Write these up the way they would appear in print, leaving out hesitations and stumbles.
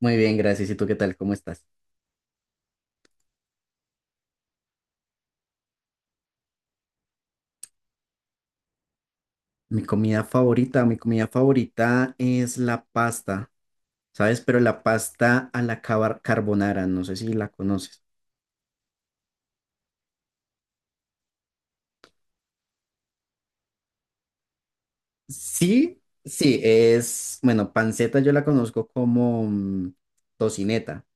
Muy bien, gracias. ¿Y tú qué tal? ¿Cómo estás? Mi comida favorita es la pasta, ¿sabes? Pero la pasta a la carbonara, no sé si la conoces. Sí, sí, bueno, panceta yo la conozco como tocineta.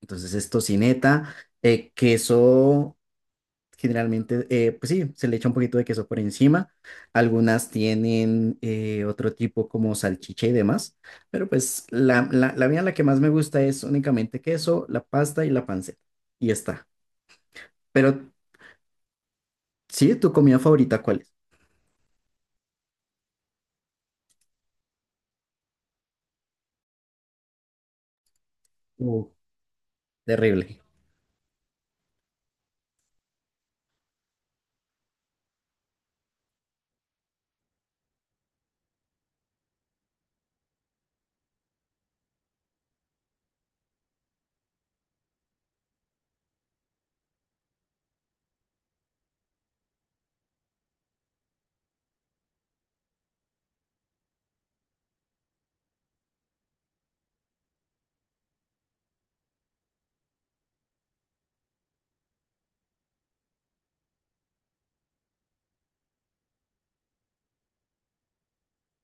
Entonces es tocineta, queso generalmente, pues sí, se le echa un poquito de queso por encima. Algunas tienen otro tipo como salchicha y demás, pero pues la mía, la que más me gusta es únicamente queso, la pasta y la panceta. Y ya está. Pero sí, ¿tu comida favorita cuál es? Uh, terrible.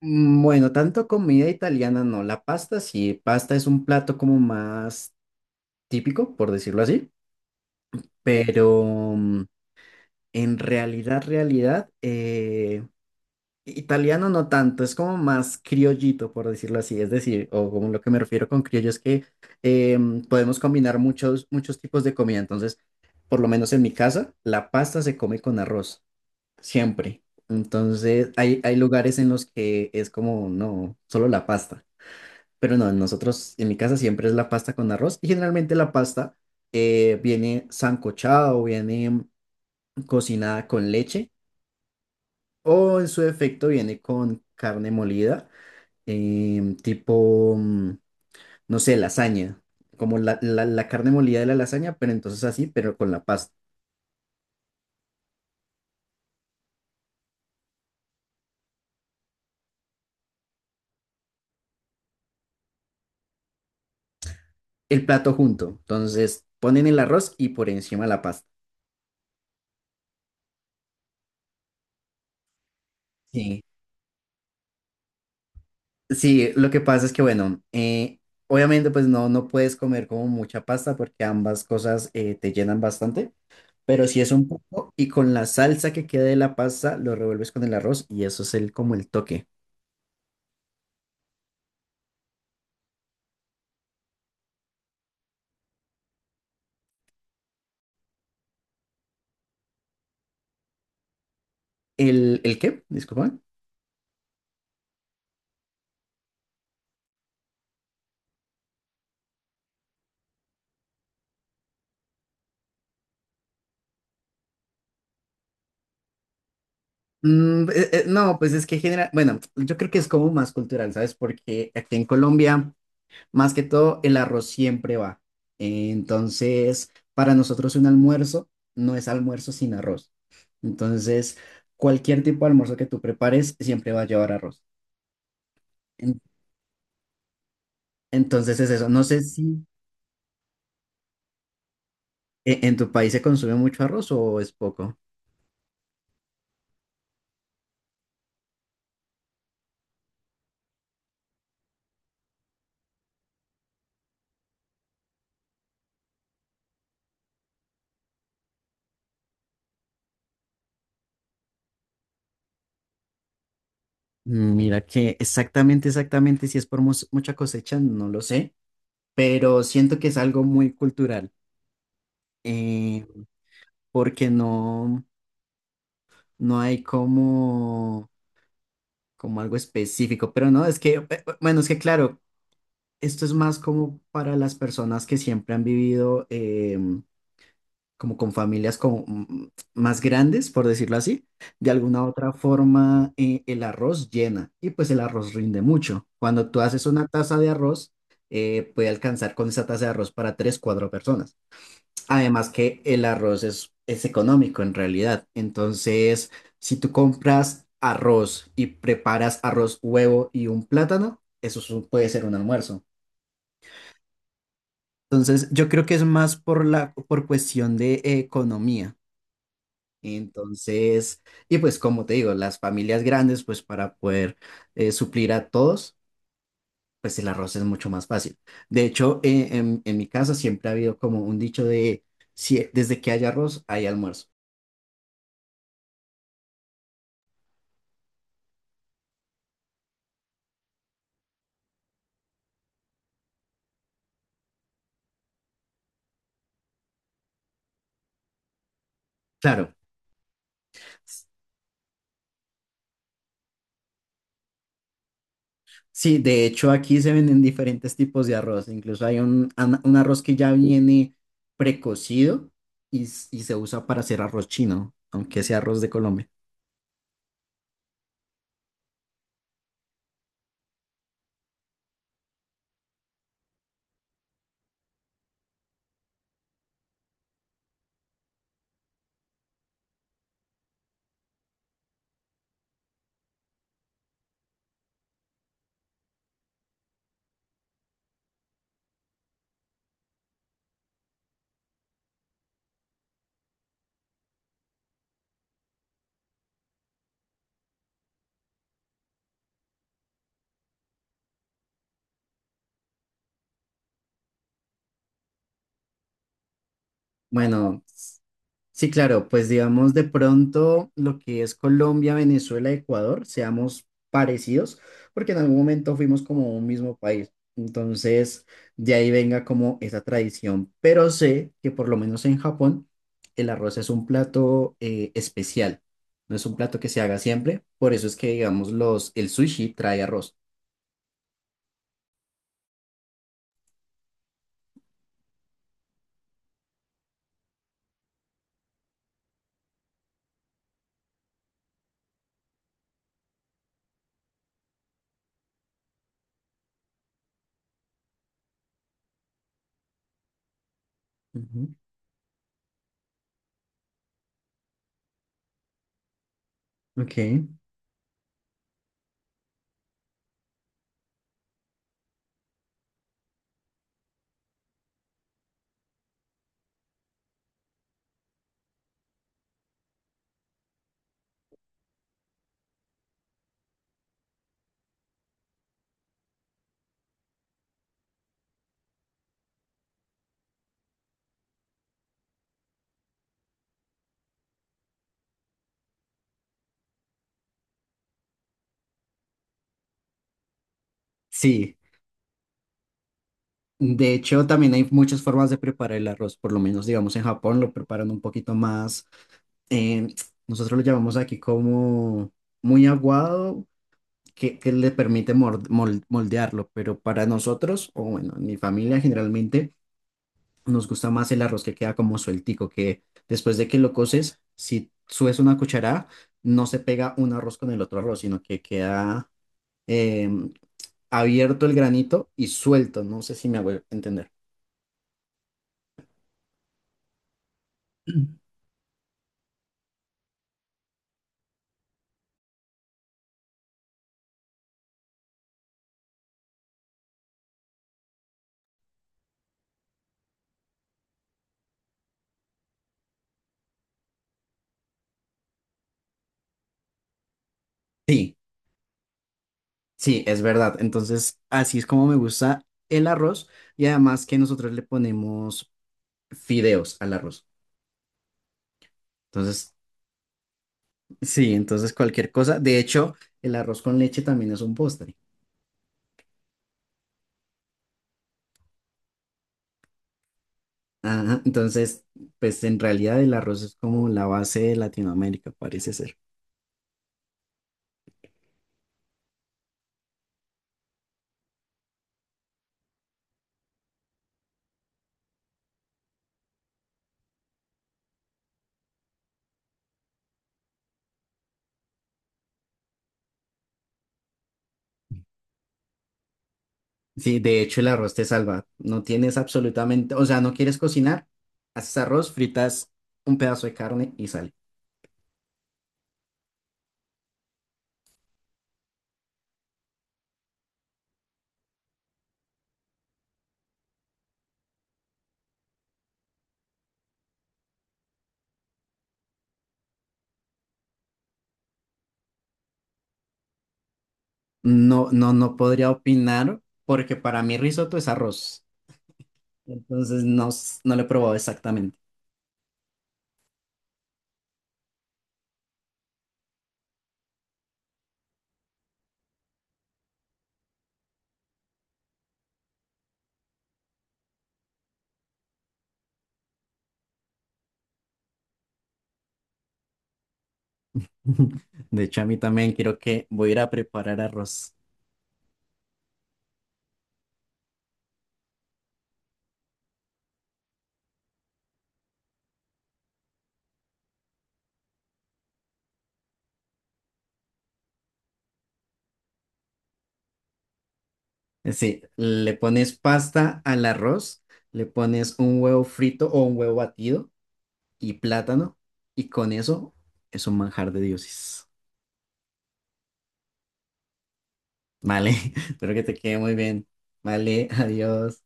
Bueno, tanto comida italiana no, la pasta sí, pasta es un plato como más típico, por decirlo así, pero mm, en realidad, italiano no tanto, es como más criollito, por decirlo así. Es decir, o como lo que me refiero con criollo es que podemos combinar muchos, muchos tipos de comida. Entonces, por lo menos en mi casa, la pasta se come con arroz, siempre. Entonces, hay lugares en los que es como, no, solo la pasta. Pero no, nosotros, en mi casa siempre es la pasta con arroz. Y generalmente la pasta viene sancochada o viene cocinada con leche. O en su defecto viene con carne molida tipo, no sé, lasaña, como la carne molida de la lasaña, pero entonces así, pero con la pasta. El plato junto, entonces ponen el arroz y por encima la pasta. Sí. Sí, lo que pasa es que, bueno, obviamente pues no, no puedes comer como mucha pasta porque ambas cosas te llenan bastante, pero si es un poco y con la salsa que queda de la pasta lo revuelves con el arroz y eso es el, como el toque. ¿El qué? Disculpa. No, pues es que bueno, yo creo que es como más cultural, ¿sabes? Porque aquí en Colombia, más que todo, el arroz siempre va. Entonces, para nosotros un almuerzo no es almuerzo sin arroz. Entonces, cualquier tipo de almuerzo que tú prepares siempre va a llevar arroz. En- Entonces es eso. No sé si en tu país se consume mucho arroz o es poco. Mira que exactamente, exactamente, si es por mucha cosecha, no lo sé, pero siento que es algo muy cultural. eh, porque no, no hay como algo específico, pero no, es que, bueno, es que claro, esto es más como para las personas que siempre han vivido como con familias como más grandes, por decirlo así, de alguna u otra forma el arroz llena y pues el arroz rinde mucho. Cuando tú haces una taza de arroz, puede alcanzar con esa taza de arroz para tres, cuatro personas. Además que el arroz es económico en realidad. Entonces, si tú compras arroz y preparas arroz, huevo y un plátano, eso es puede ser un almuerzo. Entonces, yo creo que es más por cuestión de economía. Entonces, y pues como te digo, las familias grandes, pues para poder suplir a todos, pues el arroz es mucho más fácil. De hecho, en mi casa siempre ha habido como un dicho de, si, desde que hay arroz, hay almuerzo. Claro. Sí, de hecho aquí se venden diferentes tipos de arroz. Incluso hay un arroz que ya viene precocido y se usa para hacer arroz chino, aunque sea arroz de Colombia. Bueno, sí, claro, pues digamos de pronto lo que es Colombia, Venezuela, Ecuador, seamos parecidos, porque en algún momento fuimos como un mismo país. Entonces, de ahí venga como esa tradición. Pero sé que por lo menos en Japón, el arroz es un plato especial, no es un plato que se haga siempre. Por eso es que, digamos, el sushi trae arroz. Ujú, ok, sí. De hecho, también hay muchas formas de preparar el arroz. Por lo menos, digamos, en Japón lo preparan un poquito más eh, nosotros lo llamamos aquí como muy aguado, que le permite moldearlo, pero para nosotros, o bueno, en mi familia generalmente, nos gusta más el arroz que queda como sueltico, que después de que lo coces, si subes una cucharada, no se pega un arroz con el otro arroz, sino que queda em, abierto el granito y suelto, no sé si me hago entender. Sí, sí, es verdad. Entonces, así es como me gusta el arroz y además que nosotros le ponemos fideos al arroz. Entonces, sí, entonces cualquier cosa. De hecho, el arroz con leche también es un postre. Ajá, entonces, pues en realidad el arroz es como la base de Latinoamérica, parece ser. Sí, de hecho el arroz te salva. No tienes absolutamente, o sea, no quieres cocinar, haces arroz, fritas un pedazo de carne y sale. No, no, no podría opinar porque para mí risotto es arroz. Entonces no, no lo he probado exactamente. De hecho, a mí también quiero que voy a ir a preparar arroz. Sí, le pones pasta al arroz, le pones un huevo frito o un huevo batido y plátano, y con eso es un manjar de dioses. Vale, espero que te quede muy bien. Vale, adiós.